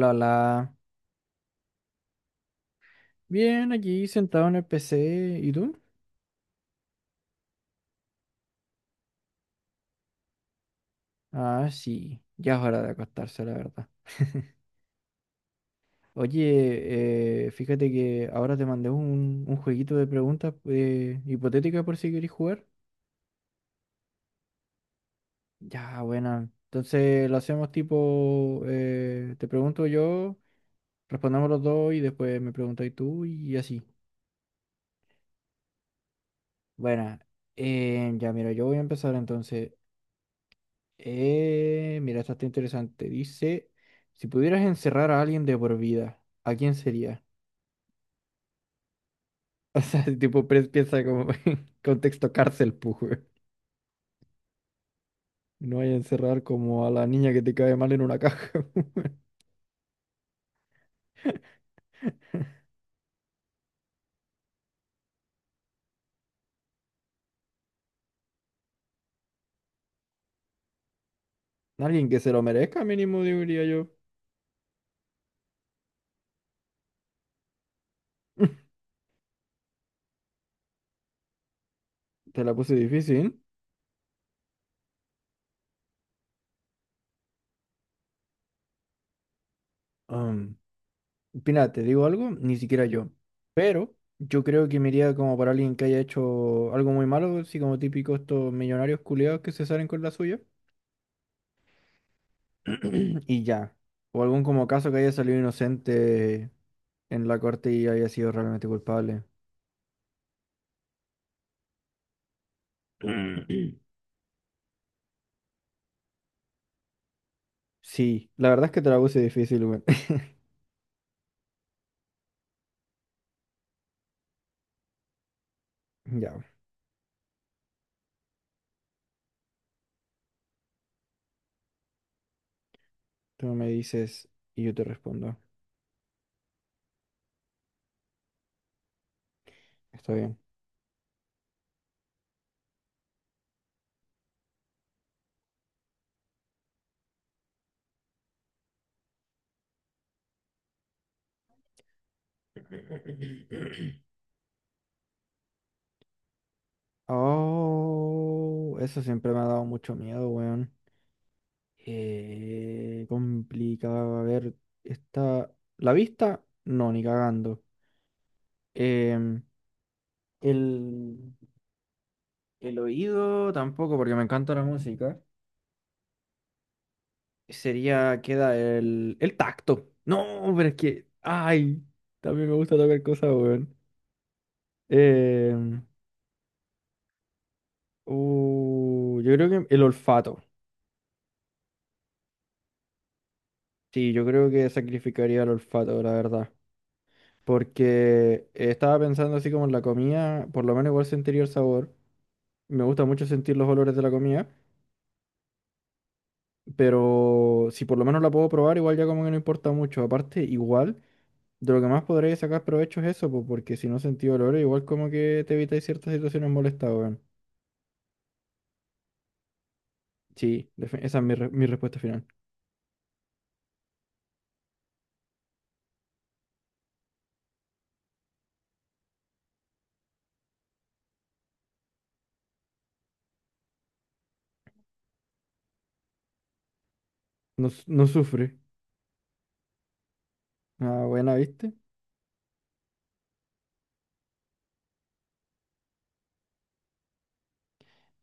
La la. Bien, aquí sentado en el PC. ¿Y tú? Ah, sí. Ya es hora de acostarse, la verdad. Oye, fíjate que ahora te mandé un jueguito de preguntas hipotéticas por si querés jugar. Ya, buena. Entonces lo hacemos tipo, te pregunto yo, respondemos los dos y después me preguntas tú y así. Buena. Ya, mira, yo voy a empezar entonces. Mira, esta está interesante. Dice, si pudieras encerrar a alguien de por vida, ¿a quién sería? O sea, si tipo, piensa como en contexto cárcel, pues. No vaya a encerrar como a la niña que te cae mal en una caja. Alguien que se lo merezca, mínimo, diría yo. Te la puse difícil. Um, mira, te digo algo, ni siquiera yo. Pero yo creo que me iría como para alguien que haya hecho algo muy malo, así como típico estos millonarios culiados que se salen con la suya. Y ya. O algún como caso que haya salido inocente en la corte y haya sido realmente culpable. Sí, la verdad es que te la puse difícil, güey. Ya, tú me dices y yo te respondo. Está bien. Oh, eso siempre me ha dado mucho miedo, weón. Complicado. A ver, está. La vista, no, ni cagando. Em, el. El oído tampoco, porque me encanta la música. Sería, queda el tacto. No, pero es que, ay, también me gusta tocar cosas, weón. Em, yo creo que el olfato. Sí, yo creo que sacrificaría el olfato, la verdad. Porque estaba pensando así como en la comida, por lo menos igual sentiría el sabor. Me gusta mucho sentir los olores de la comida, pero si por lo menos la puedo probar, igual ya como que no importa mucho. Aparte, igual. De lo que más podréis sacar provecho es eso, po, porque si no sentí dolor, igual como que te evitáis ciertas situaciones molestas, weón. Sí, esa es mi, mi respuesta final. No, no sufre. Ah, buena, ¿viste?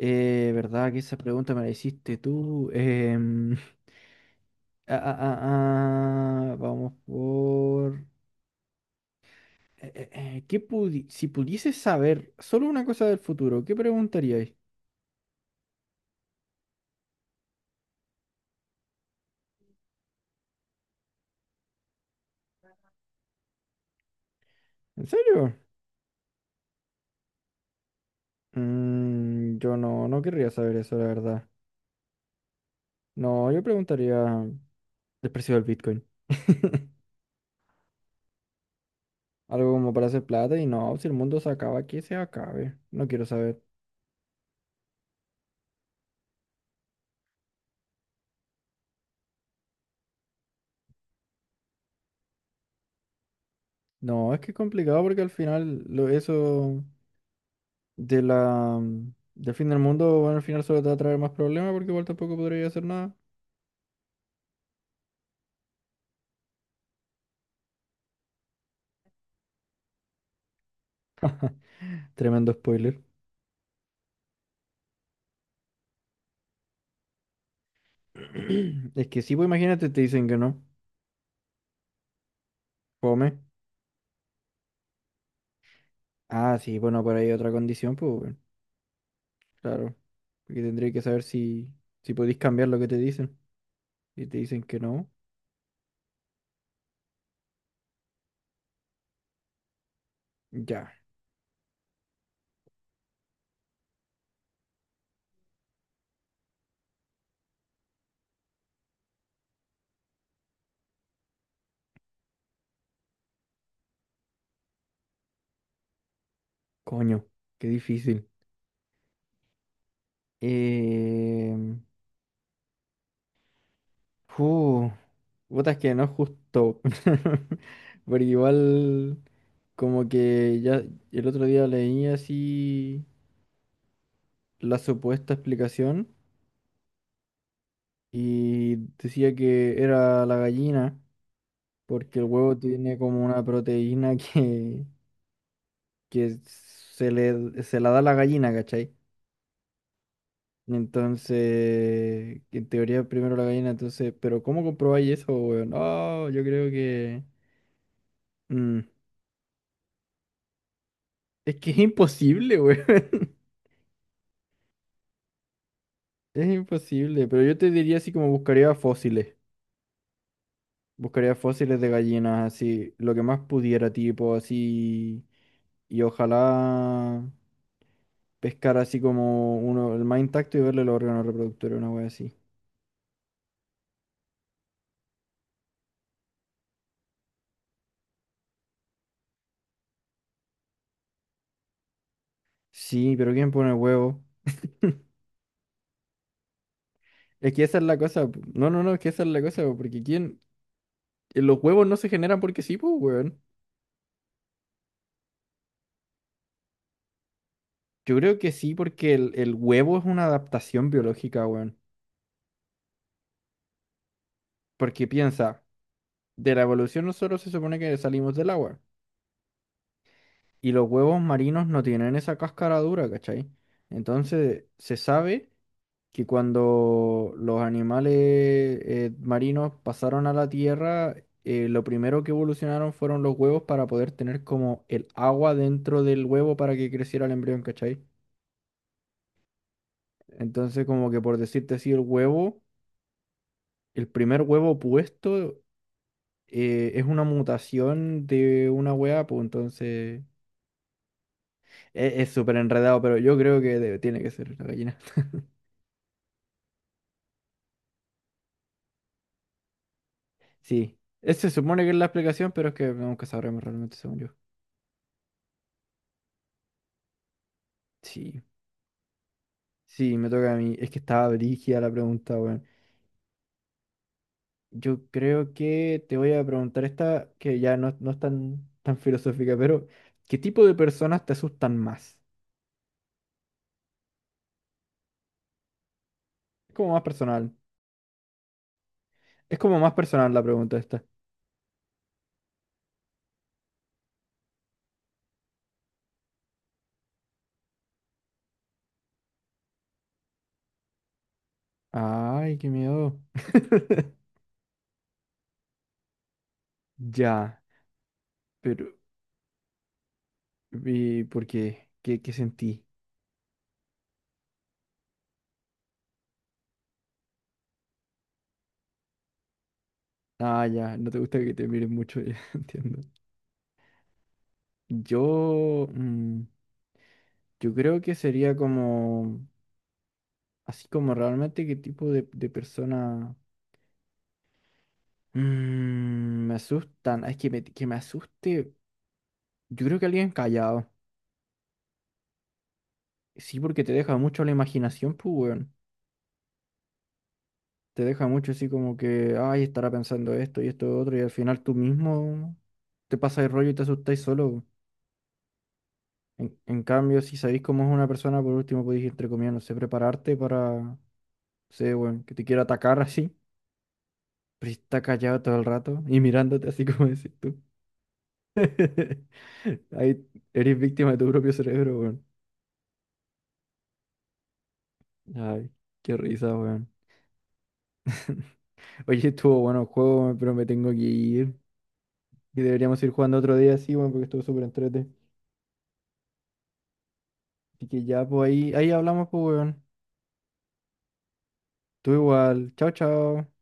Verdad que esa pregunta me la hiciste tú. Vamos por... ¿qué si pudieses saber solo una cosa del futuro, ¿qué preguntaríais? ¿En serio? Mm, yo no, no querría saber eso, la verdad. No, yo preguntaría el precio del Bitcoin. Algo como para hacer plata y no, si el mundo se acaba, aquí se acabe. No quiero saber. No, es que es complicado porque al final lo, eso de la, del fin del mundo, bueno, al final solo te va a traer más problemas porque igual tampoco podría hacer nada. Tremendo spoiler. Es que sí, pues imagínate, te dicen que no. Come. Ah, sí, bueno, por ahí otra condición, pues bueno, claro. Porque tendría que saber si, si podéis cambiar lo que te dicen. Y te dicen que no. Ya, coño, qué difícil. Eh, uh, puta, es que no es justo. Porque igual, como que ya el otro día leí así la supuesta explicación y decía que era la gallina, porque el huevo tiene como una proteína que se la da la gallina, ¿cachai? Entonces, en teoría primero la gallina, entonces, pero ¿cómo comprobáis eso, weón? No, yo creo que... mm, es que es imposible, güey. Es imposible, pero yo te diría así como buscaría fósiles. Buscaría fósiles de gallinas, así, lo que más pudiera, tipo, así. Y ojalá pescar así como uno, el más intacto y verle los órganos reproductores, una wea así. Sí, pero ¿quién pone huevo? Es que esa es la cosa. Pu. No, no, no, es que esa es la cosa, porque ¿quién? Los huevos no se generan porque sí, pues, weón. Yo creo que sí, porque el huevo es una adaptación biológica, weón. Porque piensa. De la evolución nosotros se supone que salimos del agua. Y los huevos marinos no tienen esa cáscara dura, ¿cachai? Entonces se sabe que cuando los animales marinos pasaron a la tierra, lo primero que evolucionaron fueron los huevos para poder tener como el agua dentro del huevo para que creciera el embrión, ¿cachai? Entonces como que por decirte así, el huevo, el primer huevo puesto es una mutación de una hueá, pues entonces... Es súper enredado, pero yo creo que tiene que ser la gallina. Sí. Ese se supone que es la explicación, pero es que nunca sabremos realmente, según yo. Sí. Sí, me toca a mí. Es que estaba brígida la pregunta, weón. Yo creo que te voy a preguntar esta, que ya no, no es tan, tan filosófica, pero ¿qué tipo de personas te asustan más? Es como más personal. Es como más personal la pregunta esta. Ay, qué miedo. Ya, pero ¿y por qué? ¿Qué, qué sentí? Ah, ya, no te gusta que te miren mucho, ya entiendo. Yo, mm, yo creo que sería como, así como realmente qué tipo de persona mm, me asustan. Ah, es que me asuste, yo creo que alguien callado. Sí, porque te deja mucho a la imaginación, pues, weón. Te deja mucho así como que, ay, estará pensando esto y esto y otro, y al final tú mismo te pasas el rollo y te asustáis solo. En cambio, si sabéis cómo es una persona, por último podéis, entre comillas, no sé, prepararte para, no sé, weón, que te quiera atacar así. Pero si está callado todo el rato y mirándote así como decís tú. Ahí eres víctima de tu propio cerebro, weón. Ay, qué risa, weón. Oye, estuvo bueno el juego, weón, pero me tengo que ir. Y deberíamos ir jugando otro día, sí, weón, porque estuvo súper entrete. Así que ya, pues ahí, ahí hablamos, pues, weón. Tú igual. Chao, chao.